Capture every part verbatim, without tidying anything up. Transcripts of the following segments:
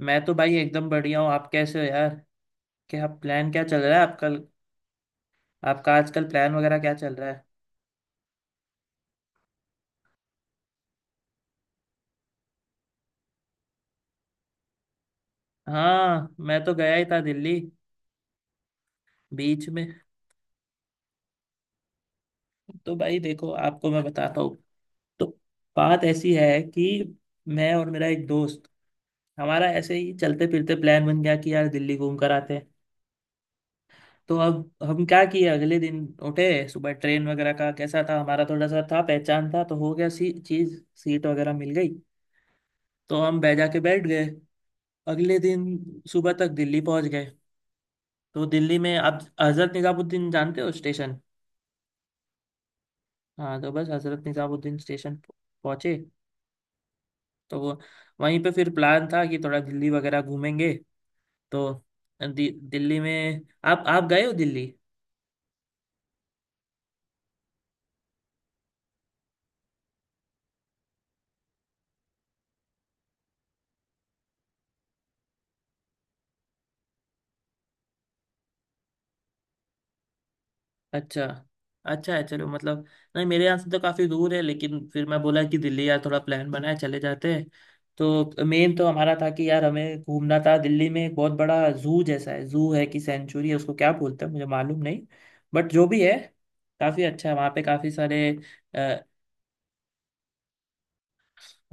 मैं तो भाई एकदम बढ़िया हूँ। आप कैसे हो यार? क्या प्लान, क्या चल रहा है आपका? आपका आजकल प्लान वगैरह क्या चल रहा है? हाँ, मैं तो गया ही था दिल्ली बीच में। तो भाई देखो, आपको मैं बताता हूँ। तो बात ऐसी है कि मैं और मेरा एक दोस्त, हमारा ऐसे ही चलते फिरते प्लान बन गया कि यार दिल्ली घूम कर आते हैं। तो अब हम क्या किए, अगले दिन उठे सुबह, ट्रेन वगैरह का कैसा था, हमारा थोड़ा सा था पहचान था तो हो गया, सी चीज सीट वगैरह मिल गई। तो हम बैजा के बैठ गए। अगले दिन सुबह तक दिल्ली पहुंच गए। तो दिल्ली में आप हजरत निजामुद्दीन जानते हो स्टेशन? हाँ, तो बस हजरत निजामुद्दीन स्टेशन प- पहुंचे। तो वो वहीं पे फिर प्लान था कि थोड़ा दिल्ली वगैरह घूमेंगे। तो दि, दिल्ली में, आप आप गए हो दिल्ली? अच्छा, अच्छा है, चलो मतलब। नहीं, मेरे यहाँ से तो काफ़ी दूर है, लेकिन फिर मैं बोला कि दिल्ली यार, थोड़ा प्लान बनाए चले जाते हैं। तो मेन तो हमारा था कि यार हमें घूमना था, दिल्ली में एक बहुत बड़ा जू जैसा है, जू है कि सेंचुरी है, उसको क्या बोलते हैं मुझे मालूम नहीं। बट जो भी है, काफ़ी अच्छा है, वहाँ पे काफ़ी सारे। अ,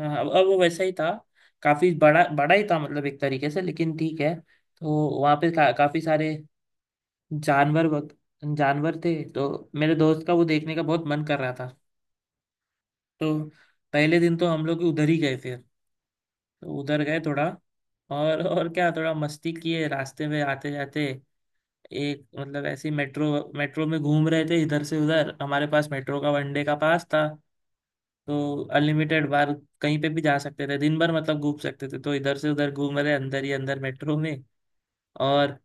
हाँ, अब अब वो वैसा ही था, काफ़ी बड़ा बड़ा ही था मतलब एक तरीके से, लेकिन ठीक है। तो वहाँ पे का, काफ़ी सारे जानवर वग- जानवर थे तो मेरे दोस्त का वो देखने का बहुत मन कर रहा था। तो पहले दिन तो हम लोग उधर ही गए फिर। तो उधर गए थोड़ा, और और क्या, थोड़ा मस्ती किए रास्ते में आते जाते। एक मतलब ऐसी मेट्रो मेट्रो में घूम रहे थे इधर से उधर, हमारे पास मेट्रो का वनडे का पास था। तो अनलिमिटेड बार कहीं पे भी जा सकते थे दिन भर, मतलब घूम सकते थे, तो इधर से उधर घूम रहे अंदर ही अंदर मेट्रो में। और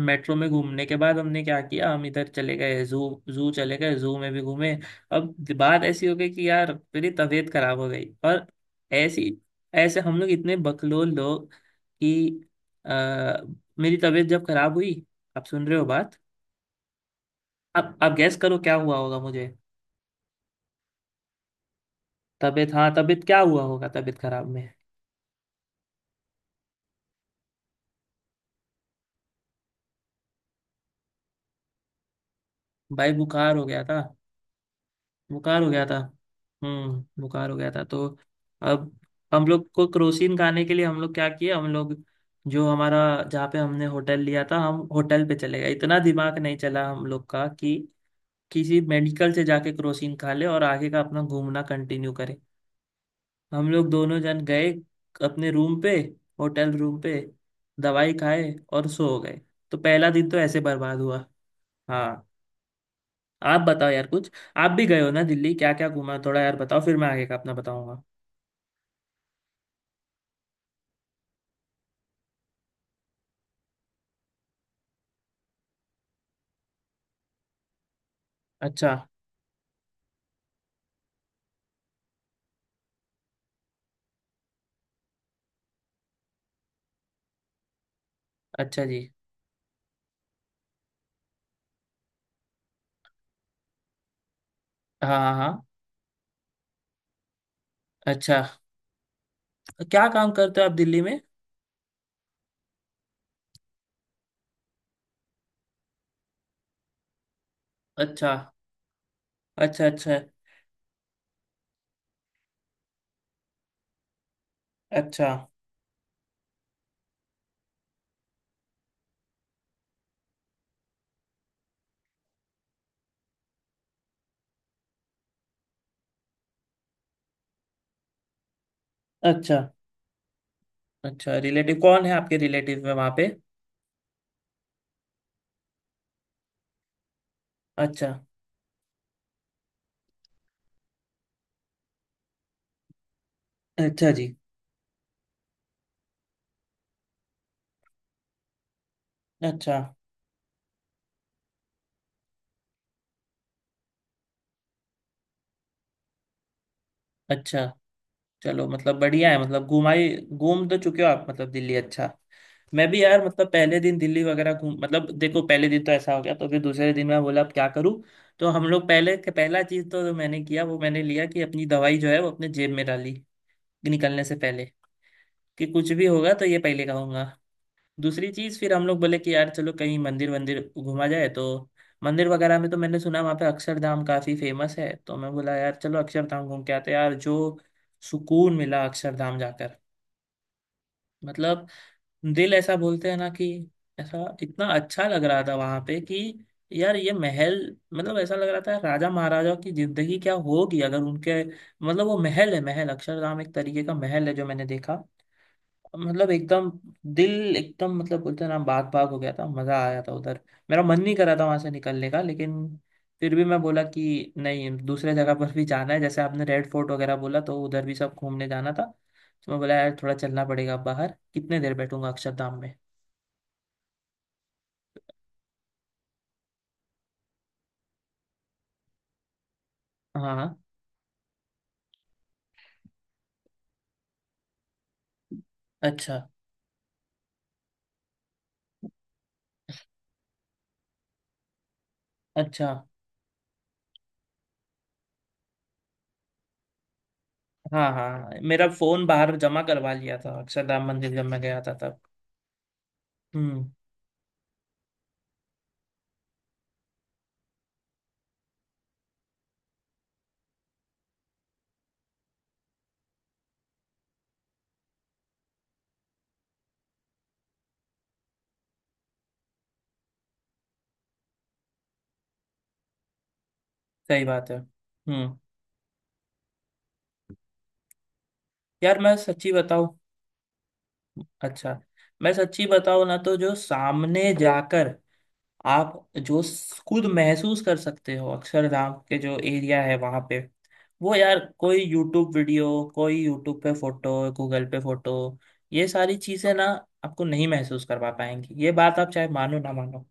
मेट्रो में घूमने के बाद हमने क्या किया, हम इधर चले गए जू। जू चले गए, जू में भी घूमे। अब बात ऐसी हो गई कि यार मेरी तबीयत खराब हो गई और ऐसी ऐसे हम लोग इतने बकलोल लोग कि आ, मेरी तबीयत जब खराब हुई। आप सुन रहे हो बात? अब अब गैस करो क्या हुआ होगा मुझे। तबीयत, हाँ, तबीयत क्या हुआ होगा तबीयत खराब में? भाई बुखार हो गया था। बुखार हो गया था। हम्म, बुखार हो गया था तो अब हम लोग को क्रोसिन खाने के लिए, हम लोग क्या किए, हम लोग जो हमारा, जहाँ पे हमने होटल लिया था हम होटल पे चले गए। इतना दिमाग नहीं चला हम लोग का कि किसी मेडिकल से जाके क्रोसिन खा ले और आगे का अपना घूमना कंटिन्यू करें। हम लोग दोनों जन गए अपने रूम पे, होटल रूम पे, दवाई खाए और सो गए। तो पहला दिन तो ऐसे बर्बाद हुआ। हाँ, आप बताओ यार कुछ, आप भी गए हो ना दिल्ली, क्या क्या घूमा थोड़ा यार बताओ, फिर मैं आगे का अपना बताऊंगा। अच्छा। अच्छा जी। हाँ, हाँ, हाँ। अच्छा, क्या काम करते हो आप दिल्ली में? अच्छा, अच्छा। अच्छा, अच्छा। अच्छा। अच्छा, रिलेटिव कौन है आपके, रिलेटिव में वहाँ पे? अच्छा। अच्छा जी। अच्छा। अच्छा, चलो मतलब बढ़िया है, मतलब घुमाई, घूम तो चुके हो आप मतलब दिल्ली, अच्छा। मैं भी यार मतलब पहले दिन दिल्ली वगैरह घूम, मतलब देखो पहले दिन तो ऐसा हो गया, तो फिर दूसरे दिन मैं बोला अब क्या करूँ। तो हम लोग पहले, पहला चीज तो जो मैंने किया, वो मैंने लिया कि अपनी दवाई जो है वो अपने जेब में डाली निकलने से पहले, कि कुछ भी होगा तो ये पहले कहूंगा। दूसरी चीज फिर हम लोग बोले कि यार चलो कहीं मंदिर वंदिर घूमा जाए, तो मंदिर वगैरह में तो मैंने सुना वहाँ पे अक्षरधाम काफी फेमस है, तो मैं बोला यार चलो अक्षरधाम घूम के आते हैं। यार जो सुकून मिला अक्षरधाम जाकर, मतलब दिल ऐसा, बोलते हैं ना कि ऐसा, इतना अच्छा लग रहा था वहां पे कि यार ये महल, मतलब ऐसा लग रहा था राजा महाराजा की जिंदगी क्या होगी, अगर उनके, मतलब वो महल है, महल, अक्षरधाम एक तरीके का महल है जो मैंने देखा। मतलब एकदम दिल एकदम, मतलब बोलते हैं ना, बाग बाग हो गया था, मजा आया था उधर। मेरा मन नहीं कर रहा था वहां से निकलने का, लेकिन फिर भी मैं बोला कि नहीं, दूसरे जगह पर भी जाना है, जैसे आपने रेड फोर्ट वगैरह बोला, तो उधर भी सब घूमने जाना था। तो मैं बोला यार थोड़ा चलना पड़ेगा बाहर, कितने देर बैठूंगा अक्षरधाम में। हाँ। अच्छा, अच्छा। हाँ, हाँ, हाँ। मेरा फोन बाहर जमा करवा लिया था अक्षरधाम मंदिर जब मैं गया था तब। हम्म। सही बात है, हम्म। यार मैं सच्ची बताऊं, अच्छा, मैं सच्ची बताऊं ना, तो जो सामने जाकर आप जो स- खुद महसूस कर सकते हो अक्षरधाम के जो एरिया है वहां पे, वो यार कोई यूट्यूब वीडियो, कोई यूट्यूब पे फोटो, गूगल पे फोटो, ये सारी चीजें ना आपको नहीं महसूस करवा पाएंगी। ये बात आप चाहे मानो ना मानो,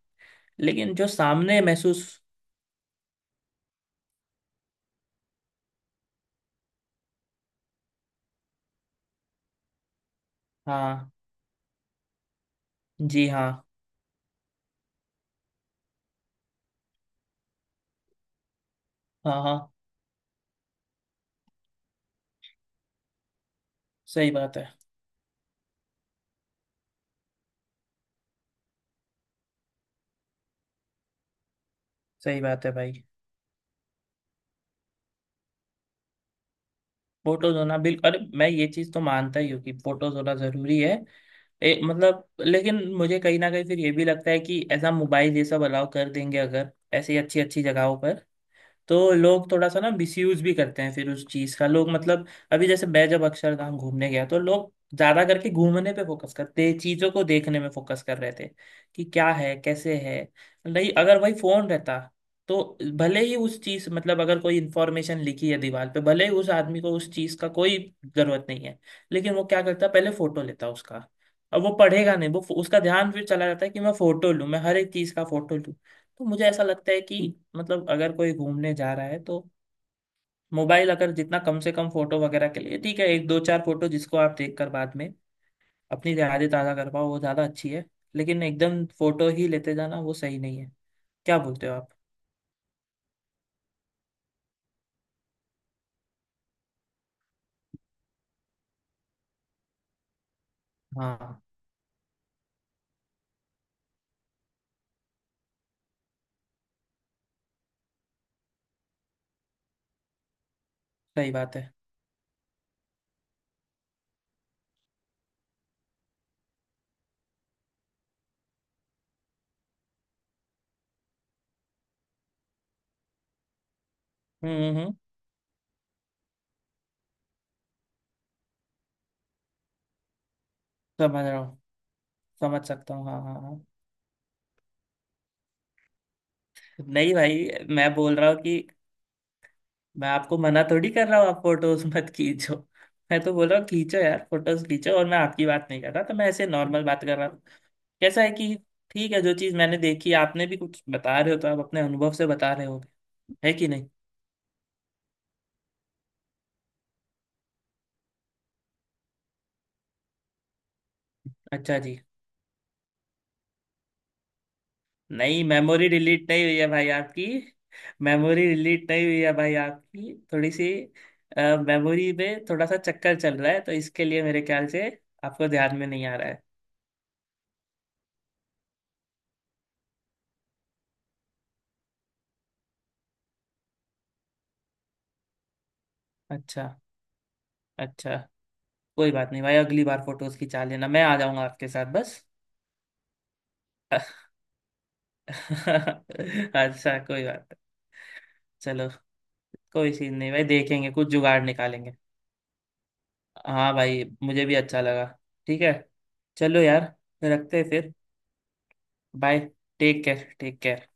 लेकिन जो सामने महसूस। हाँ। जी हाँ। हाँ, हाँ। सही बात है। सही बात है भाई। फोटोज होना बिल्कुल, अरे मैं ये चीज तो मानता ही हूँ कि फोटोज होना जरूरी है। ए, मतलब लेकिन मुझे कहीं ना कहीं फिर ये भी लगता है कि ऐसा मोबाइल ये सब अलाउ कर देंगे अगर ऐसी अच्छी अच्छी जगहों पर, तो लोग थोड़ा सा ना मिसयूज भी करते हैं फिर उस चीज का, लोग मतलब। अभी जैसे मैं जब अक्षरधाम घूमने गया, तो लोग ज्यादा करके घूमने पे फोकस करते, चीजों को देखने में फोकस कर रहे थे कि क्या है कैसे है। नहीं अगर वही फोन रहता, तो भले ही उस चीज, मतलब अगर कोई इंफॉर्मेशन लिखी है दीवार पे, भले ही उस आदमी को उस चीज का कोई जरूरत नहीं है, लेकिन वो क्या करता, पहले फोटो लेता उसका। अब वो पढ़ेगा नहीं, वो उसका ध्यान फिर चला जाता है कि मैं फोटो लूं, मैं हर एक चीज का फोटो लूं। तो मुझे ऐसा लगता है कि मतलब अगर कोई घूमने जा रहा है, तो मोबाइल अगर जितना कम से कम, फोटो वगैरह के लिए ठीक है, एक दो चार फोटो जिसको आप देख कर बाद में अपनी यादें ताज़ा कर पाओ, वो ज़्यादा अच्छी है। लेकिन एकदम फोटो ही लेते जाना, वो सही नहीं है। क्या बोलते हो आप? हाँ, सही बात है। हम्म, हम्म, हम्म, समझ रहा हूँ। समझ सकता हूँ, हाँ, हाँ, हाँ। नहीं भाई, मैं बोल रहा हूँ कि मैं आपको मना थोड़ी कर रहा हूँ आप फोटोज मत खींचो। मैं तो बोल रहा हूँ खींचो यार, फोटोज खींचो, और मैं आपकी बात नहीं कर रहा, तो मैं ऐसे नॉर्मल बात कर रहा था। कैसा है कि ठीक है, जो चीज मैंने देखी, आपने भी कुछ बता रहे हो, तो आप अपने अनुभव से बता रहे हो। है कि नहीं? अच्छा जी। नहीं, मेमोरी डिलीट नहीं हुई है भाई आपकी। मेमोरी डिलीट नहीं हुई है भाई आपकी, थोड़ी सी मेमोरी में थोड़ा सा चक्कर चल रहा है, तो इसके लिए मेरे ख्याल से आपको ध्यान में नहीं आ रहा है। अच्छा। अच्छा, कोई बात नहीं भाई, अगली बार फोटोज खिंचा लेना, मैं आ जाऊंगा आपके साथ बस। अच्छा, कोई बात नहीं, चलो, कोई चीज नहीं भाई, देखेंगे कुछ जुगाड़ निकालेंगे। हाँ भाई, मुझे भी अच्छा लगा। ठीक है, चलो यार, रखते हैं फिर। Bye. Take care take care.